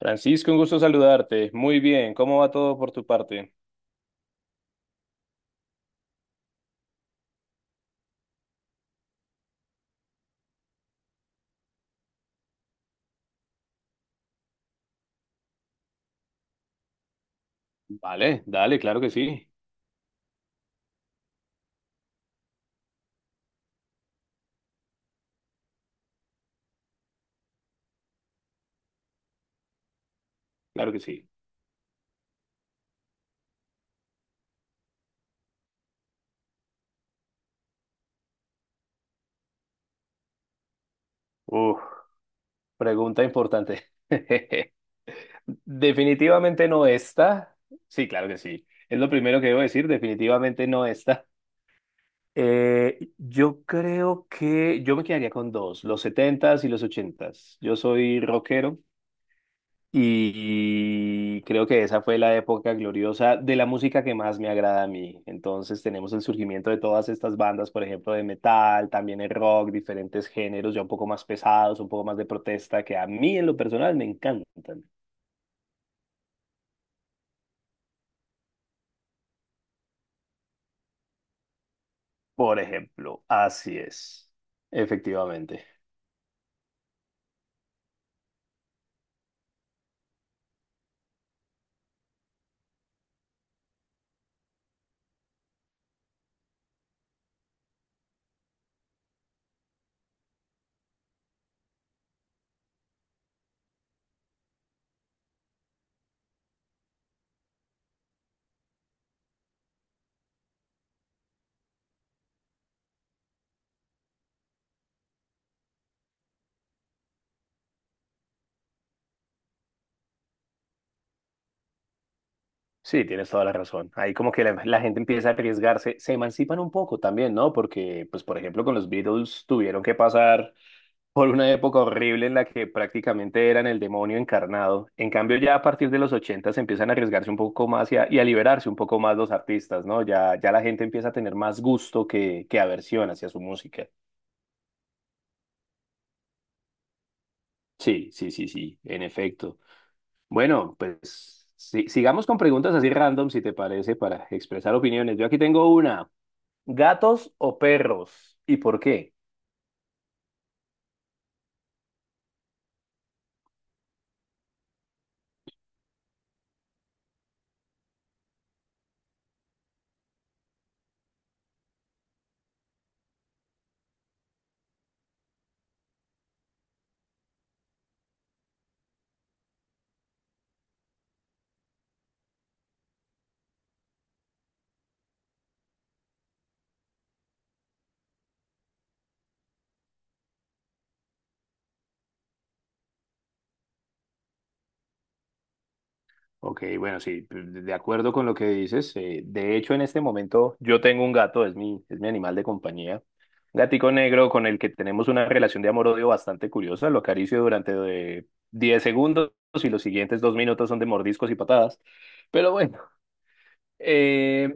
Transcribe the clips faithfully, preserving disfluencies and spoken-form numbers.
Francisco, un gusto saludarte. Muy bien, ¿cómo va todo por tu parte? Vale, dale, claro que sí, claro que sí. Uf, pregunta importante. Definitivamente no está. Sí, claro que sí. Es lo primero que debo decir, definitivamente no está. Eh, yo creo que yo me quedaría con dos, los setentas y los ochentas. Yo soy rockero. Y creo que esa fue la época gloriosa de la música que más me agrada a mí. Entonces tenemos el surgimiento de todas estas bandas, por ejemplo, de metal, también el rock, diferentes géneros ya un poco más pesados, un poco más de protesta, que a mí en lo personal me encantan. Por ejemplo, así es. Efectivamente. Sí, tienes toda la razón. Ahí como que la, la gente empieza a arriesgarse, se emancipan un poco también, ¿no? Porque, pues, por ejemplo, con los Beatles tuvieron que pasar por una época horrible en la que prácticamente eran el demonio encarnado. En cambio, ya a partir de los ochenta se empiezan a arriesgarse un poco más y a, y a liberarse un poco más los artistas, ¿no? Ya, ya la gente empieza a tener más gusto que, que aversión hacia su música. Sí, sí, sí, sí, en efecto. Bueno, pues si- sigamos con preguntas así random, si te parece, para expresar opiniones. Yo aquí tengo una. ¿Gatos o perros? ¿Y por qué? Ok, bueno, sí, de acuerdo con lo que dices. Eh, de hecho, en este momento yo tengo un gato, es mi, es mi animal de compañía. Un gatico negro con el que tenemos una relación de amor-odio bastante curiosa. Lo acaricio durante de diez segundos y los siguientes dos minutos son de mordiscos y patadas. Pero bueno, eh,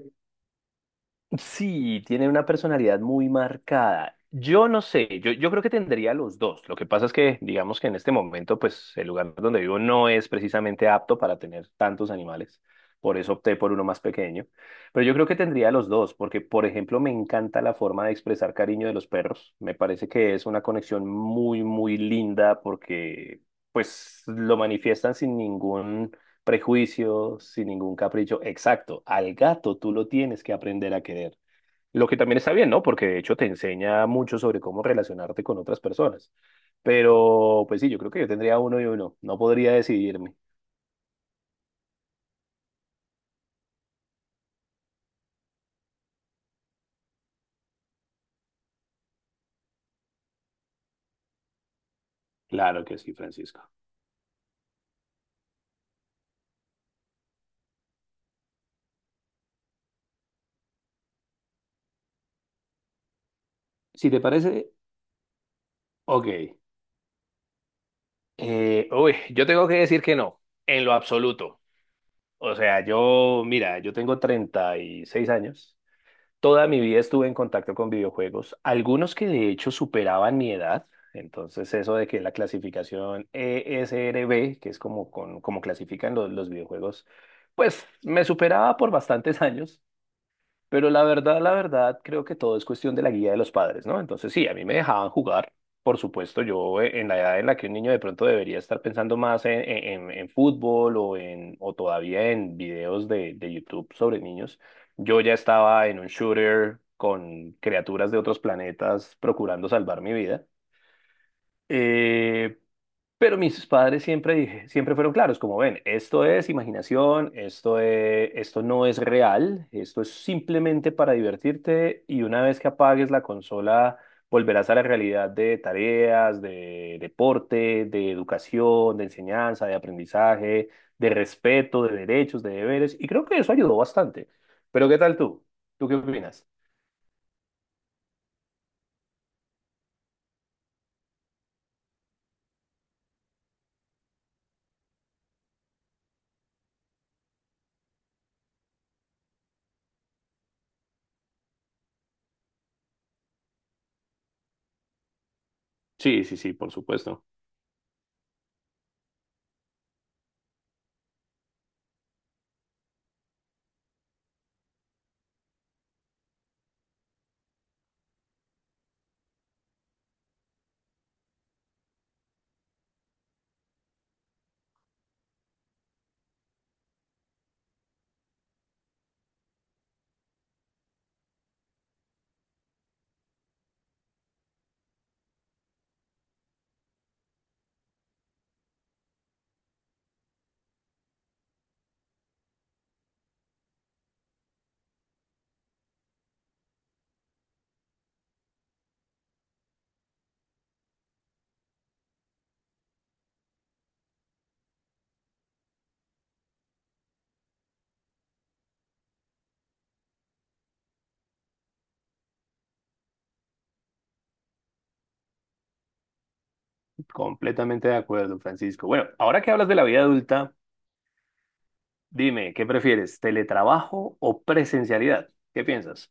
sí, tiene una personalidad muy marcada. Yo no sé, yo, yo creo que tendría los dos. Lo que pasa es que, digamos que en este momento, pues el lugar donde vivo no es precisamente apto para tener tantos animales. Por eso opté por uno más pequeño. Pero yo creo que tendría los dos, porque, por ejemplo, me encanta la forma de expresar cariño de los perros. Me parece que es una conexión muy, muy linda porque, pues, lo manifiestan sin ningún prejuicios sin ningún capricho. Exacto, al gato tú lo tienes que aprender a querer. Lo que también está bien, ¿no? Porque de hecho te enseña mucho sobre cómo relacionarte con otras personas. Pero, pues sí, yo creo que yo tendría uno y uno. No podría decidirme. Claro que sí, Francisco. Si te parece, ok. Eh, uy, yo tengo que decir que no, en lo absoluto. O sea, yo, mira, yo tengo treinta y seis años. Toda mi vida estuve en contacto con videojuegos, algunos que de hecho superaban mi edad. Entonces, eso de que la clasificación E S R B, que es como, con- como clasifican los, los videojuegos, pues me superaba por bastantes años. Pero la verdad, la verdad, creo que todo es cuestión de la guía de los padres, ¿no? Entonces, sí, a mí me dejaban jugar. Por supuesto, yo eh, en la edad en la que un niño de pronto debería estar pensando más en, en- en fútbol o, en, o todavía en videos de, de YouTube sobre niños, yo ya estaba en un shooter con criaturas de otros planetas procurando salvar mi vida. Eh, pero mis padres siempre dije, siempre fueron claros, como ven, esto es imaginación, esto es- esto no es real, esto es simplemente para divertirte y una vez que apagues la consola volverás a la realidad de tareas, de deporte, de educación, de enseñanza, de aprendizaje, de respeto, de derechos, de deberes y creo que eso ayudó bastante. Pero ¿qué tal tú? ¿Tú qué opinas? Sí, sí, sí, por supuesto. Completamente de acuerdo, Francisco. Bueno, ahora que hablas de la vida adulta, dime, ¿qué prefieres? ¿Teletrabajo o presencialidad? ¿Qué piensas?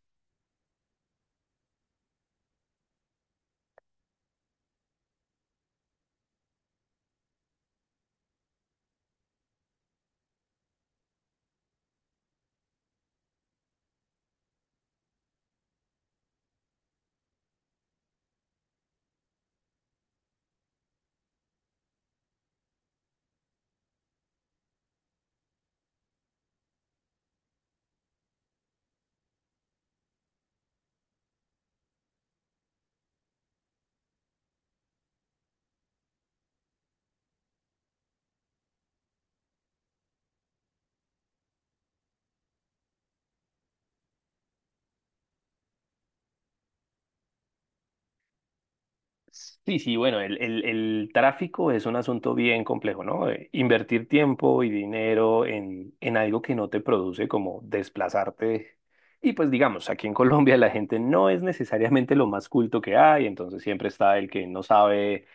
Sí, sí, bueno, el, el- el tráfico es un asunto bien complejo, ¿no? Eh, Invertir tiempo y dinero en, en algo que no te produce como desplazarte. Y pues digamos, aquí en Colombia la gente no es necesariamente lo más culto que hay, entonces siempre está el que no sabe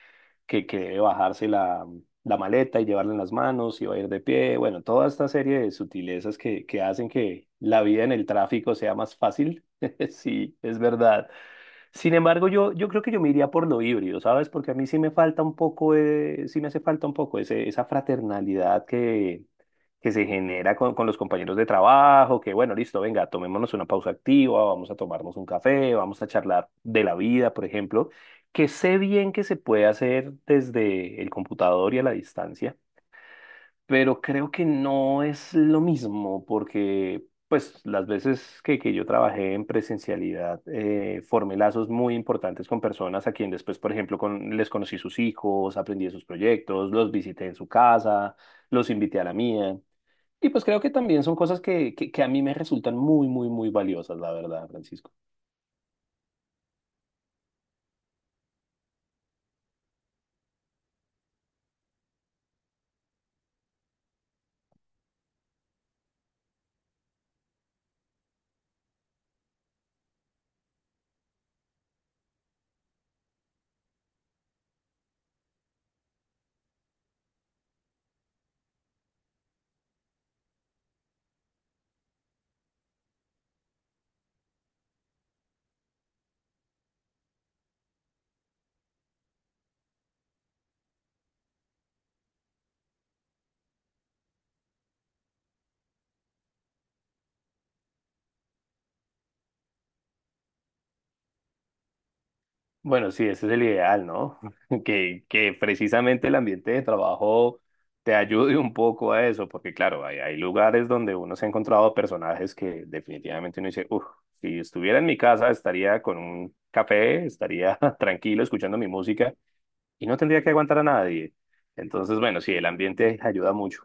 que, que debe bajarse la, la maleta y llevarla en las manos y va a ir de pie. Bueno, toda esta serie de sutilezas que, que hacen que la vida en el tráfico sea más fácil. Sí, es verdad. Sin embargo, yo, yo creo que yo me iría por lo híbrido, ¿sabes? Porque a mí sí me falta un poco, eh, sí me hace falta un poco ese- esa fraternalidad que, que se genera con, con los compañeros de trabajo, que bueno, listo, venga, tomémonos una pausa activa, vamos a tomarnos un café, vamos a charlar de la vida, por ejemplo, que sé bien que se puede hacer desde el computador y a la distancia, pero creo que no es lo mismo porque pues las veces que, que yo trabajé en presencialidad eh, formé lazos muy importantes con personas a quien después, por ejemplo, con, les conocí sus hijos, aprendí de sus proyectos, los visité en su casa, los invité a la mía. Y pues creo que también son cosas que, que, que a mí me resultan muy, muy, muy valiosas, la verdad, Francisco. Bueno, sí, ese es el ideal, ¿no? Que, que precisamente el ambiente de trabajo te ayude un poco a eso, porque claro, hay, hay lugares donde uno se ha encontrado personajes que definitivamente uno dice, uff, si estuviera en mi casa estaría con un café, estaría tranquilo escuchando mi música y no tendría que aguantar a nadie. Entonces, bueno, sí, el ambiente ayuda mucho.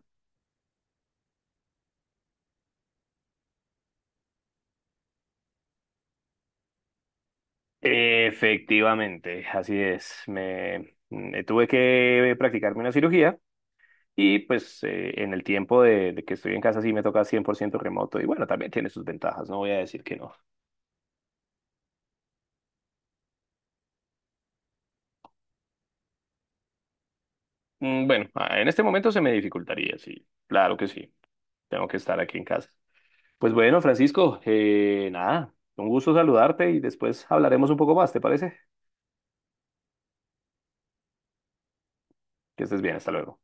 Efectivamente, así es. Me, me tuve que practicarme una cirugía. Y pues eh, en el tiempo de, de que estoy en casa sí me toca cien por ciento remoto y bueno, también tiene sus ventajas, no voy a decir que no. Mm, Bueno, ah, en este momento se me dificultaría, sí, claro que sí, tengo que estar aquí en casa. Pues bueno, Francisco, eh, nada, un gusto saludarte y después hablaremos un poco más, ¿te parece? Que estés bien, hasta luego.